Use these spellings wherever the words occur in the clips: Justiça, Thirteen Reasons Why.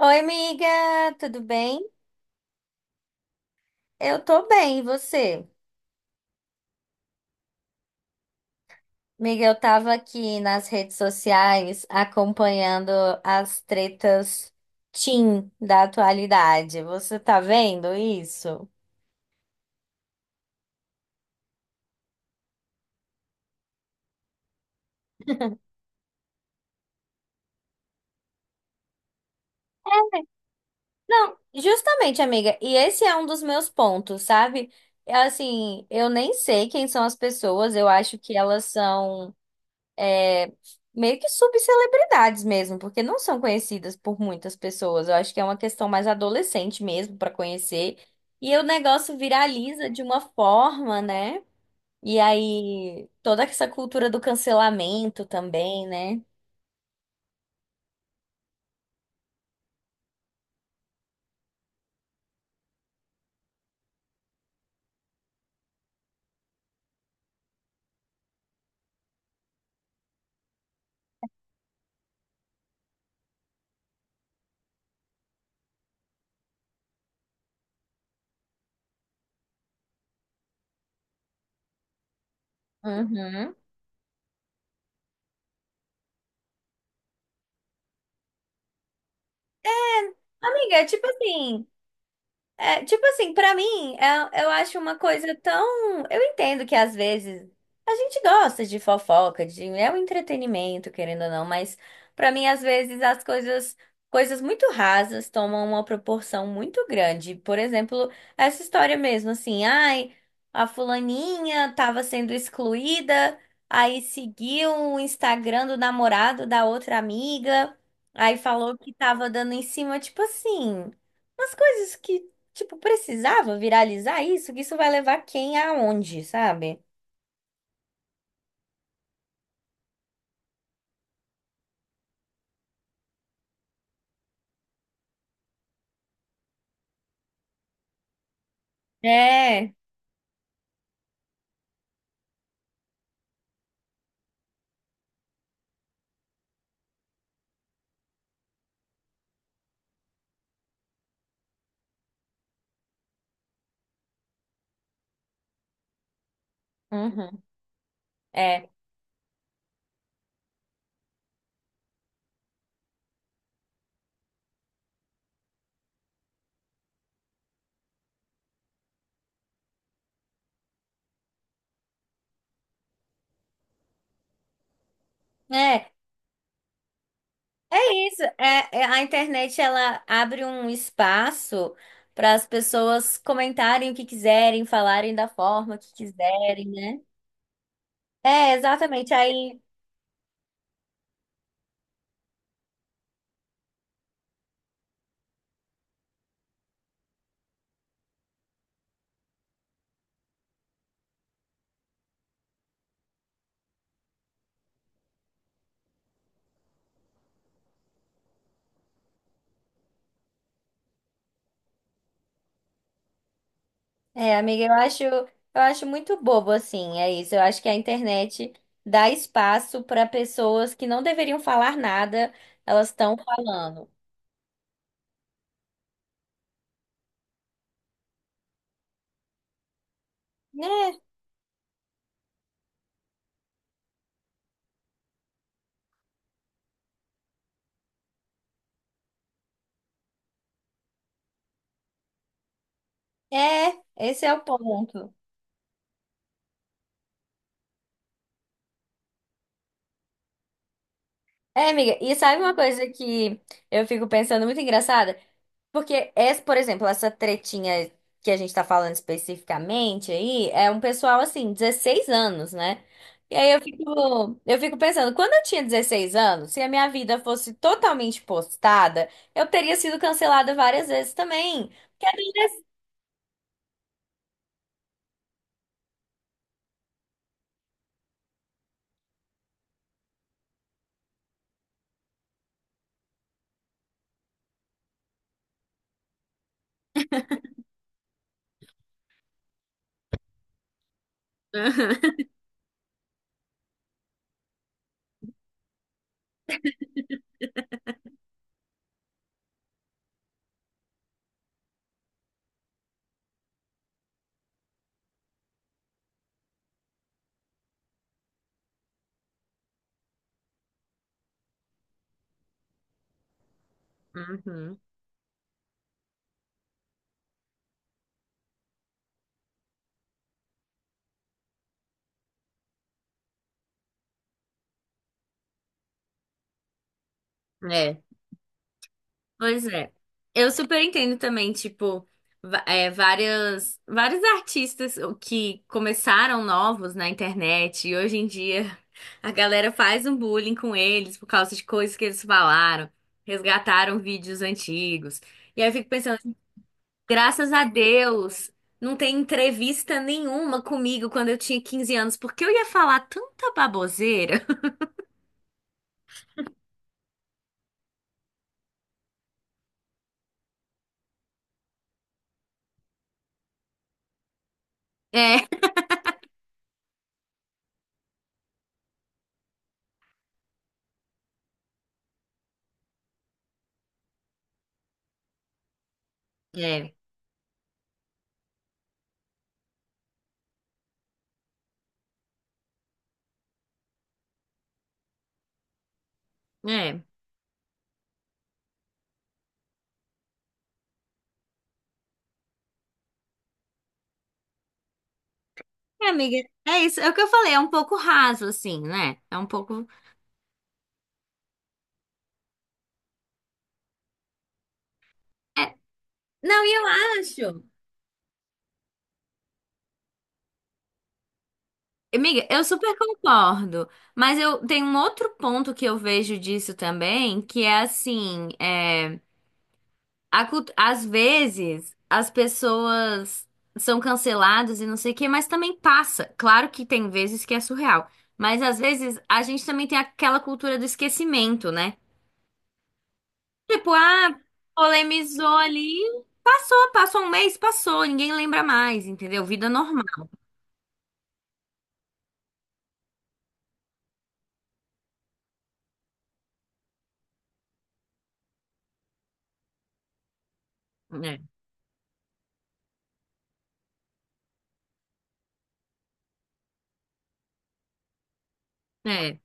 Oi, amiga, tudo bem? Eu tô bem, e você? Amiga, eu tava aqui nas redes sociais acompanhando as tretas teen da atualidade. Você tá vendo isso? Não, justamente, amiga, e esse é um dos meus pontos, sabe? É, assim, eu nem sei quem são as pessoas, eu acho que elas são meio que subcelebridades mesmo, porque não são conhecidas por muitas pessoas. Eu acho que é uma questão mais adolescente mesmo para conhecer. E o negócio viraliza de uma forma, né? E aí toda essa cultura do cancelamento também, né? Uhum. Amiga, é tipo assim, pra mim, eu acho uma coisa tão. Eu entendo que às vezes a gente gosta de fofoca, de é um entretenimento, querendo ou não, mas pra mim, às vezes, coisas muito rasas tomam uma proporção muito grande. Por exemplo, essa história mesmo, assim, ai, a fulaninha tava sendo excluída, aí seguiu o Instagram do namorado da outra amiga, aí falou que tava dando em cima, tipo assim. Umas coisas que. Tipo, precisava viralizar isso? Que isso vai levar quem aonde, sabe? É, Uhum. É. É, isso, a internet ela abre um espaço para as pessoas comentarem o que quiserem, falarem da forma que quiserem, né? É, exatamente. Aí, é, amiga, eu acho muito bobo assim, é isso. Eu acho que a internet dá espaço para pessoas que não deveriam falar nada, elas estão falando, né? É, esse é o ponto. É, amiga, e sabe uma coisa que eu fico pensando muito engraçada? Porque, essa, por exemplo, essa tretinha que a gente tá falando especificamente aí, é um pessoal assim, 16 anos, né? E aí eu fico pensando, quando eu tinha 16 anos, se a minha vida fosse totalmente postada, eu teria sido cancelada várias vezes também. Porque. Uhum, uhum. É. Pois é. Eu super entendo também, tipo, várias, vários artistas o que começaram novos na internet e hoje em dia a galera faz um bullying com eles por causa de coisas que eles falaram, resgataram vídeos antigos. E aí eu fico pensando, assim, graças a Deus, não tem entrevista nenhuma comigo quando eu tinha 15 anos, porque eu ia falar tanta baboseira. É, é, é. É, amiga, é isso. É o que eu falei, é um pouco raso, assim, né? É um pouco. é- Não, e eu acho. Amiga, eu super concordo, mas eu tenho um outro ponto que eu vejo disso também, que é assim, às vezes as pessoas são canceladas e não sei o quê, mas também passa. Claro que tem vezes que é surreal, mas às vezes a gente também tem aquela cultura do esquecimento, né? Tipo, ah, polemizou ali, passou um mês, passou, ninguém lembra mais, entendeu? Vida normal. É, é,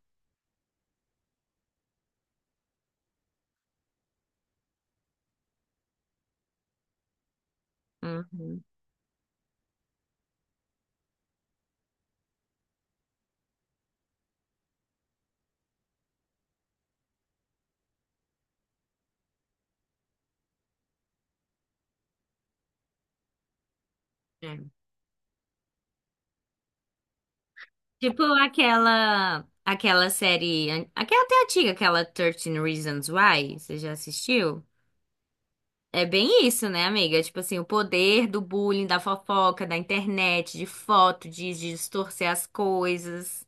uhum, é. Tipo aquela série, aquela até antiga, aquela Thirteen Reasons Why, você já assistiu? É bem isso, né, amiga? Tipo assim, o poder do bullying, da fofoca, da internet, de foto, de distorcer as coisas.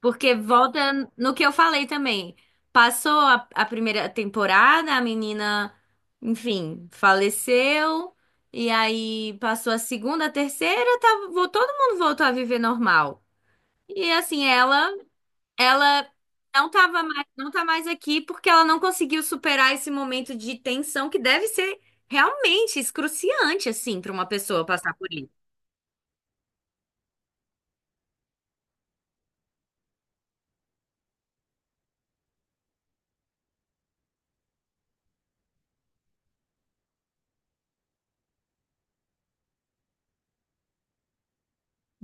Porque volta no que eu falei também. Passou a primeira temporada, a menina, enfim, faleceu. E aí passou a segunda, a terceira, tava, todo mundo voltou a viver normal. E assim, ela não tava mais, não tá mais aqui porque ela não conseguiu superar esse momento de tensão que deve ser realmente excruciante, assim, para uma pessoa passar por isso.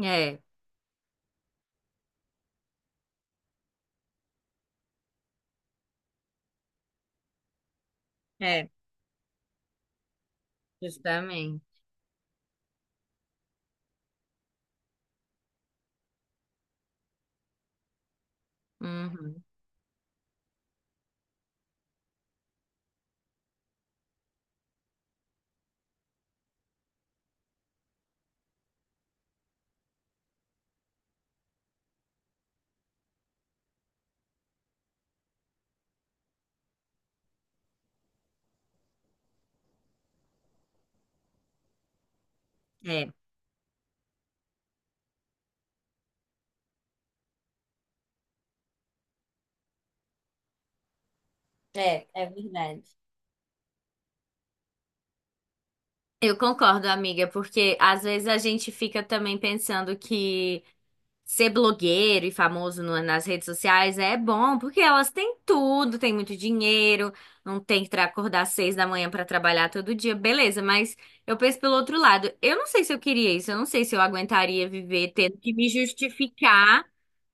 É, é, justamente. Uhum. É, é. É verdade. Eu concordo, amiga, porque às vezes a gente fica também pensando que ser blogueiro e famoso nas redes sociais é bom, porque elas têm tudo, têm muito dinheiro, não tem que acordar às 6 da manhã para trabalhar todo dia, beleza, mas eu penso pelo outro lado, eu não sei se eu queria isso, eu não sei se eu aguentaria viver tendo que me justificar.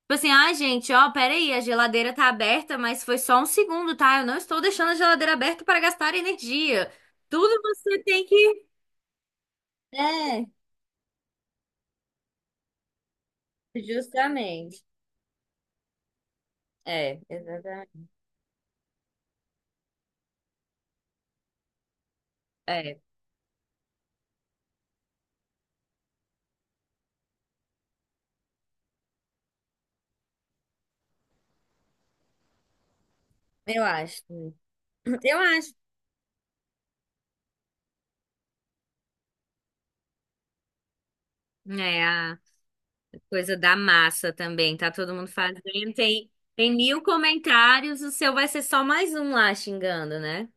Tipo assim, ah, gente, ó, peraí, a geladeira tá aberta, mas foi só um segundo, tá? Eu não estou deixando a geladeira aberta para gastar energia. Tudo você tem que. É. Justamente. É, exatamente. É, eu acho. Eu acho. É, a coisa da massa também, tá todo mundo fazendo. Tem, tem mil comentários, o seu vai ser só mais um lá xingando, né?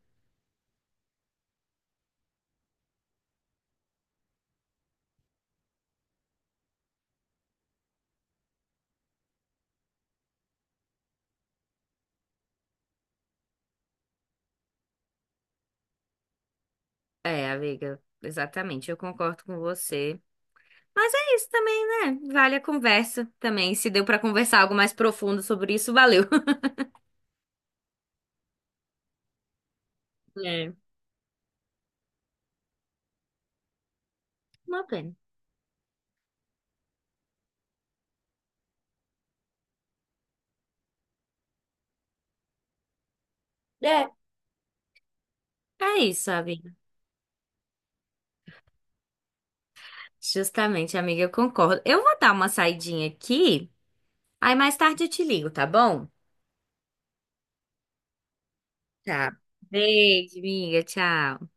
É, amiga, exatamente, eu concordo com você. Mas é isso também, né? Vale a conversa também. Se deu pra conversar algo mais profundo sobre isso, valeu. É, uma pena. É. É isso, amiga. Justamente, amiga, eu concordo. Eu vou dar uma saidinha aqui. Aí mais tarde eu te ligo, tá bom? Tá. Beijo, amiga. Tchau.